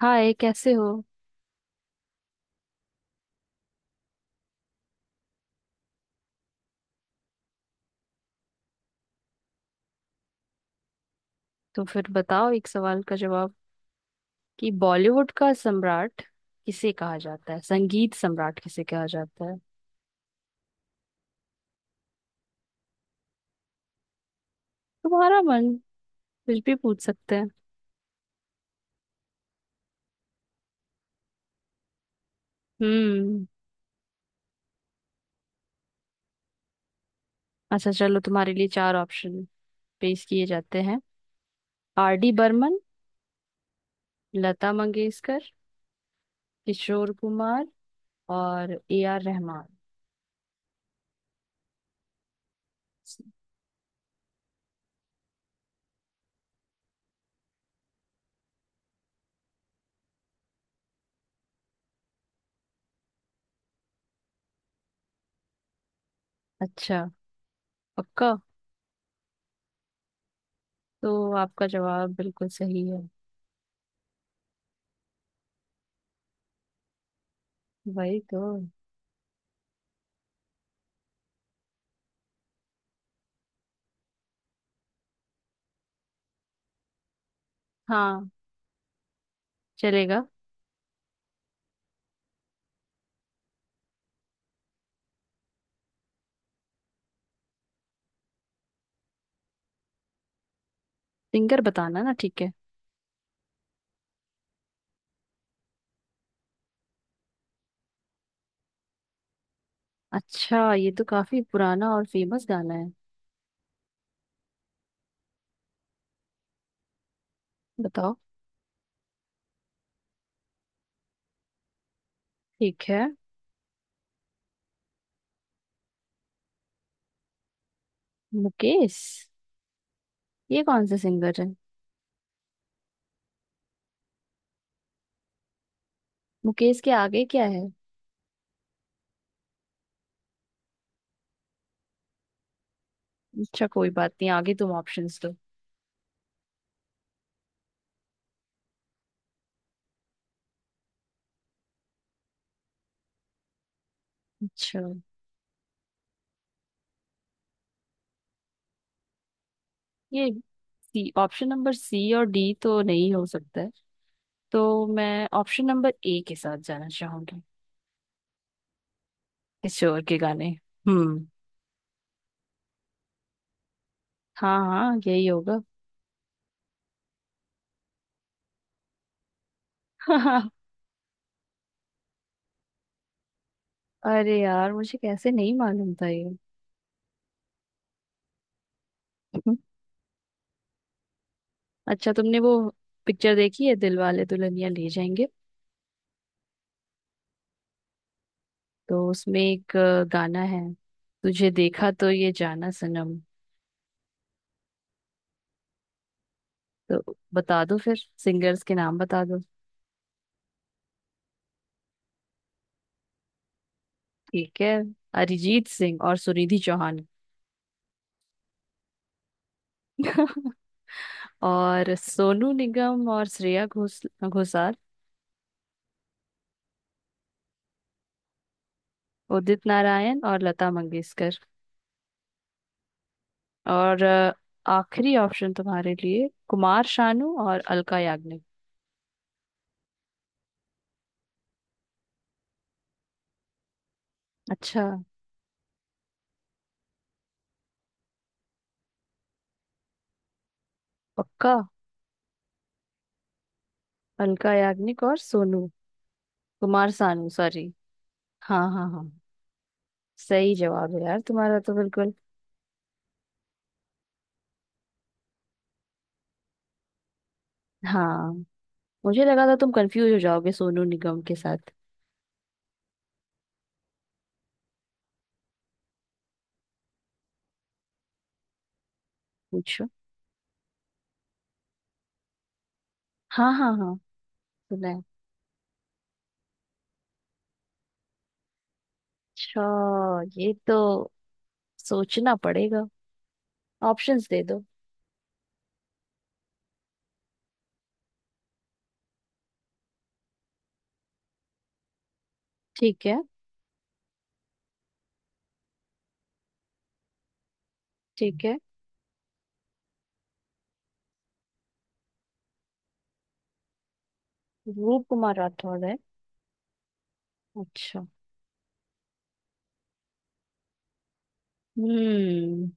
हाय, कैसे हो। तो फिर बताओ एक सवाल का जवाब कि बॉलीवुड का सम्राट किसे कहा जाता है, संगीत सम्राट किसे कहा जाता है। तुम्हारा मन, कुछ भी पूछ सकते हैं। हम्म। अच्छा चलो, तुम्हारे लिए चार ऑप्शन पेश किए जाते हैं। आर डी बर्मन, लता मंगेशकर, किशोर कुमार और ए आर रहमान। अच्छा, पक्का। तो आपका जवाब बिल्कुल सही है। वही तो। हाँ, चलेगा। सिंगर बताना ना, ठीक है। अच्छा, ये तो काफी पुराना और फेमस गाना है। बताओ। ठीक है। मुकेश। ये कौन सा सिंगर है। मुकेश के आगे क्या है। अच्छा, कोई बात नहीं, आगे तुम ऑप्शंस दो। अच्छा, ये सी, ऑप्शन नंबर सी और डी तो नहीं हो सकता है, तो मैं ऑप्शन नंबर ए के साथ जाना चाहूंगी। किशोर के गाने। हम्म। हाँ हाँ, यही होगा। अरे यार, मुझे कैसे नहीं मालूम था ये। अच्छा, तुमने वो पिक्चर देखी है, दिल वाले दुल्हनिया ले जाएंगे। तो उसमें एक गाना है, तुझे देखा तो ये जाना सनम। तो बता दो फिर, सिंगर्स के नाम बता दो। ठीक है। अरिजीत सिंह और सुनिधि चौहान। और सोनू निगम और श्रेया घोषाल। उदित नारायण और लता मंगेशकर। और आखिरी ऑप्शन तुम्हारे लिए, कुमार शानू और अलका याग्निक। अच्छा, पक्का। अलका याग्निक और सोनू, कुमार सानू, सॉरी। हाँ हाँ हाँ। सही जवाब है यार तुम्हारा तो बिल्कुल। हाँ, मुझे लगा था तुम कंफ्यूज हो जाओगे सोनू निगम के साथ। पूछो। हाँ हाँ हाँ, सुना है। अच्छा, ये तो सोचना पड़ेगा। ऑप्शंस दे दो। ठीक है। ठीक है। रूप कुमार राठौर है। अच्छा। हम्म।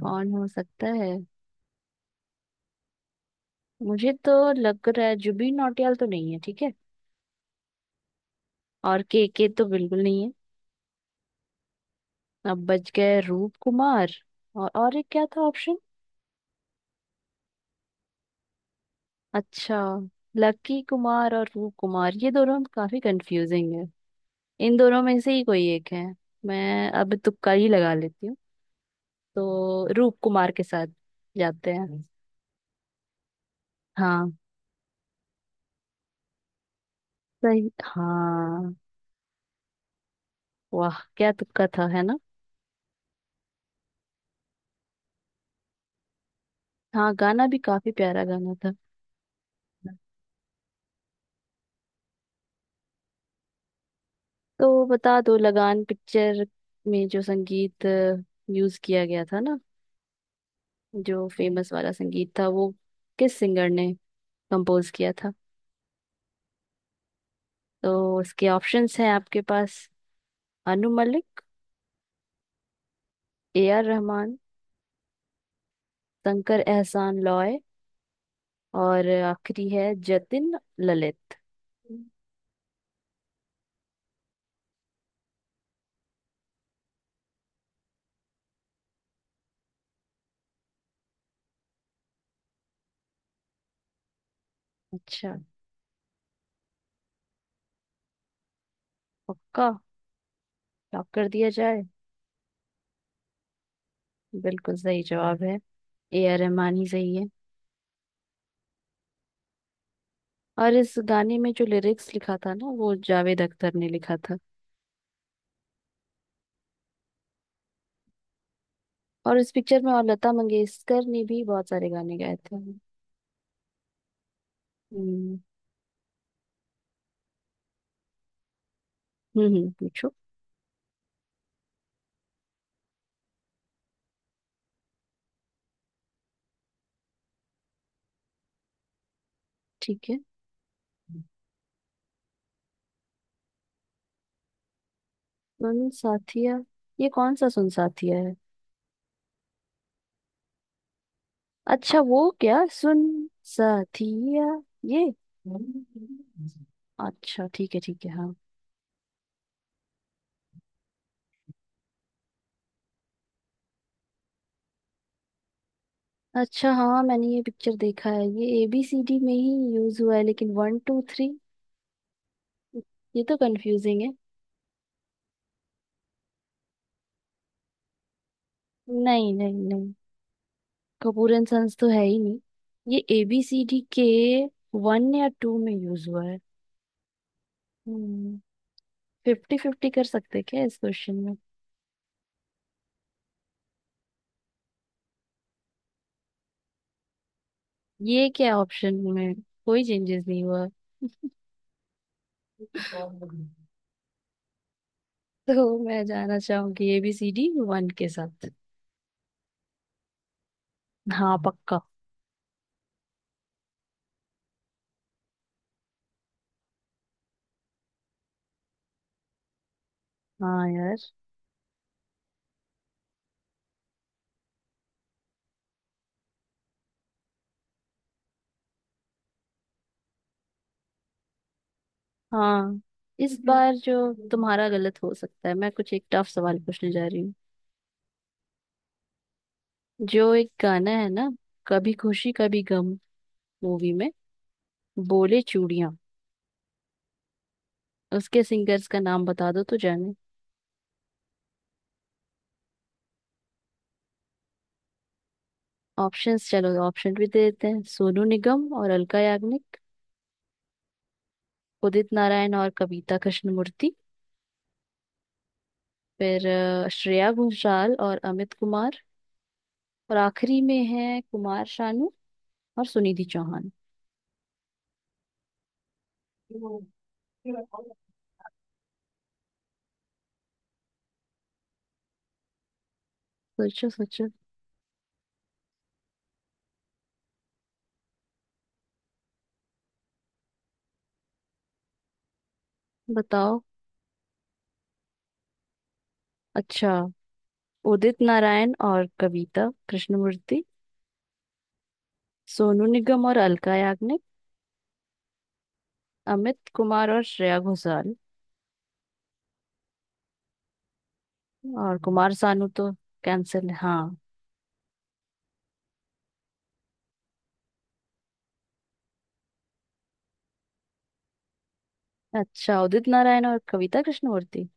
कौन हो सकता है। मुझे तो लग रहा है जुबिन नौटियाल तो नहीं है, ठीक है। और के तो बिल्कुल नहीं है। अब बच गए रूप कुमार। और एक क्या था ऑप्शन। अच्छा, लकी कुमार और रूप कुमार, ये दोनों काफी कंफ्यूजिंग है। इन दोनों में से ही कोई एक है। मैं अब तुक्का ही लगा लेती हूँ। तो रूप कुमार के साथ जाते हैं। हाँ। सही, हाँ। वाह, क्या तुक्का था, है ना। हाँ, गाना भी काफी प्यारा गाना था। तो बता दो, लगान पिक्चर में जो संगीत यूज किया गया था ना, जो फेमस वाला संगीत था वो, किस सिंगर ने कंपोज किया था। तो इसके ऑप्शंस हैं आपके पास। अनु मलिक, ए आर रहमान, शंकर एहसान लॉय, और आखिरी है जतिन ललित। अच्छा, पक्का। लॉक कर दिया जाए। बिल्कुल सही जवाब है, ए आर रहमान ही सही है। और इस गाने में जो लिरिक्स लिखा था ना, वो जावेद अख्तर ने लिखा था। और इस पिक्चर में और लता मंगेशकर ने भी बहुत सारे गाने गाए थे। हम्म। पूछो। ठीक है। सुन साथिया। ये कौन सा सुन साथिया है। अच्छा, वो क्या सुन साथिया ये। अच्छा ठीक है, ठीक है, हाँ। अच्छा हाँ, मैंने ये पिक्चर देखा है, ये एबीसीडी में ही यूज हुआ है, लेकिन वन टू थ्री, ये तो कंफ्यूजिंग है। नहीं नहीं नहीं, कपूर एंड सन्स तो है ही नहीं। ये एबीसीडी के वन या टू में यूज हुआ है। हम्म। फिफ्टी फिफ्टी कर सकते क्या इस क्वेश्चन में। ये क्या, ऑप्शन में कोई चेंजेस नहीं हुआ। तो मैं जाना चाहूंगी एबीसीडी वन के साथ। हाँ, पक्का। हाँ यार। हाँ, इस बार जो तुम्हारा गलत हो सकता है, मैं कुछ एक टफ सवाल पूछने जा रही हूँ। जो एक गाना है ना, कभी खुशी कभी गम मूवी में, बोले चूड़ियां, उसके सिंगर्स का नाम बता दो तो जाने। ऑप्शंस, चलो ऑप्शन भी दे देते हैं। सोनू निगम और अलका याग्निक। उदित नारायण और कविता कृष्णमूर्ति। फिर श्रेया घोषाल और अमित कुमार। और आखिरी में है कुमार शानू और सुनिधि चौहान। सोचो सोचो। बताओ। अच्छा, उदित नारायण और कविता कृष्णमूर्ति। सोनू निगम और अलका याग्निक। अमित कुमार और श्रेया घोषाल। और कुमार सानू तो कैंसिल है, हाँ। अच्छा, उदित नारायण और कविता कृष्णमूर्ति।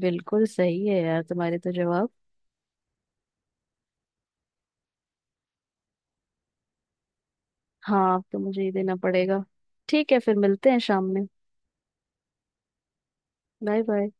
बिल्कुल सही है यार तुम्हारे तो जवाब। हाँ, अब तो मुझे ही देना पड़ेगा। ठीक है, फिर मिलते हैं शाम में। Bye bye.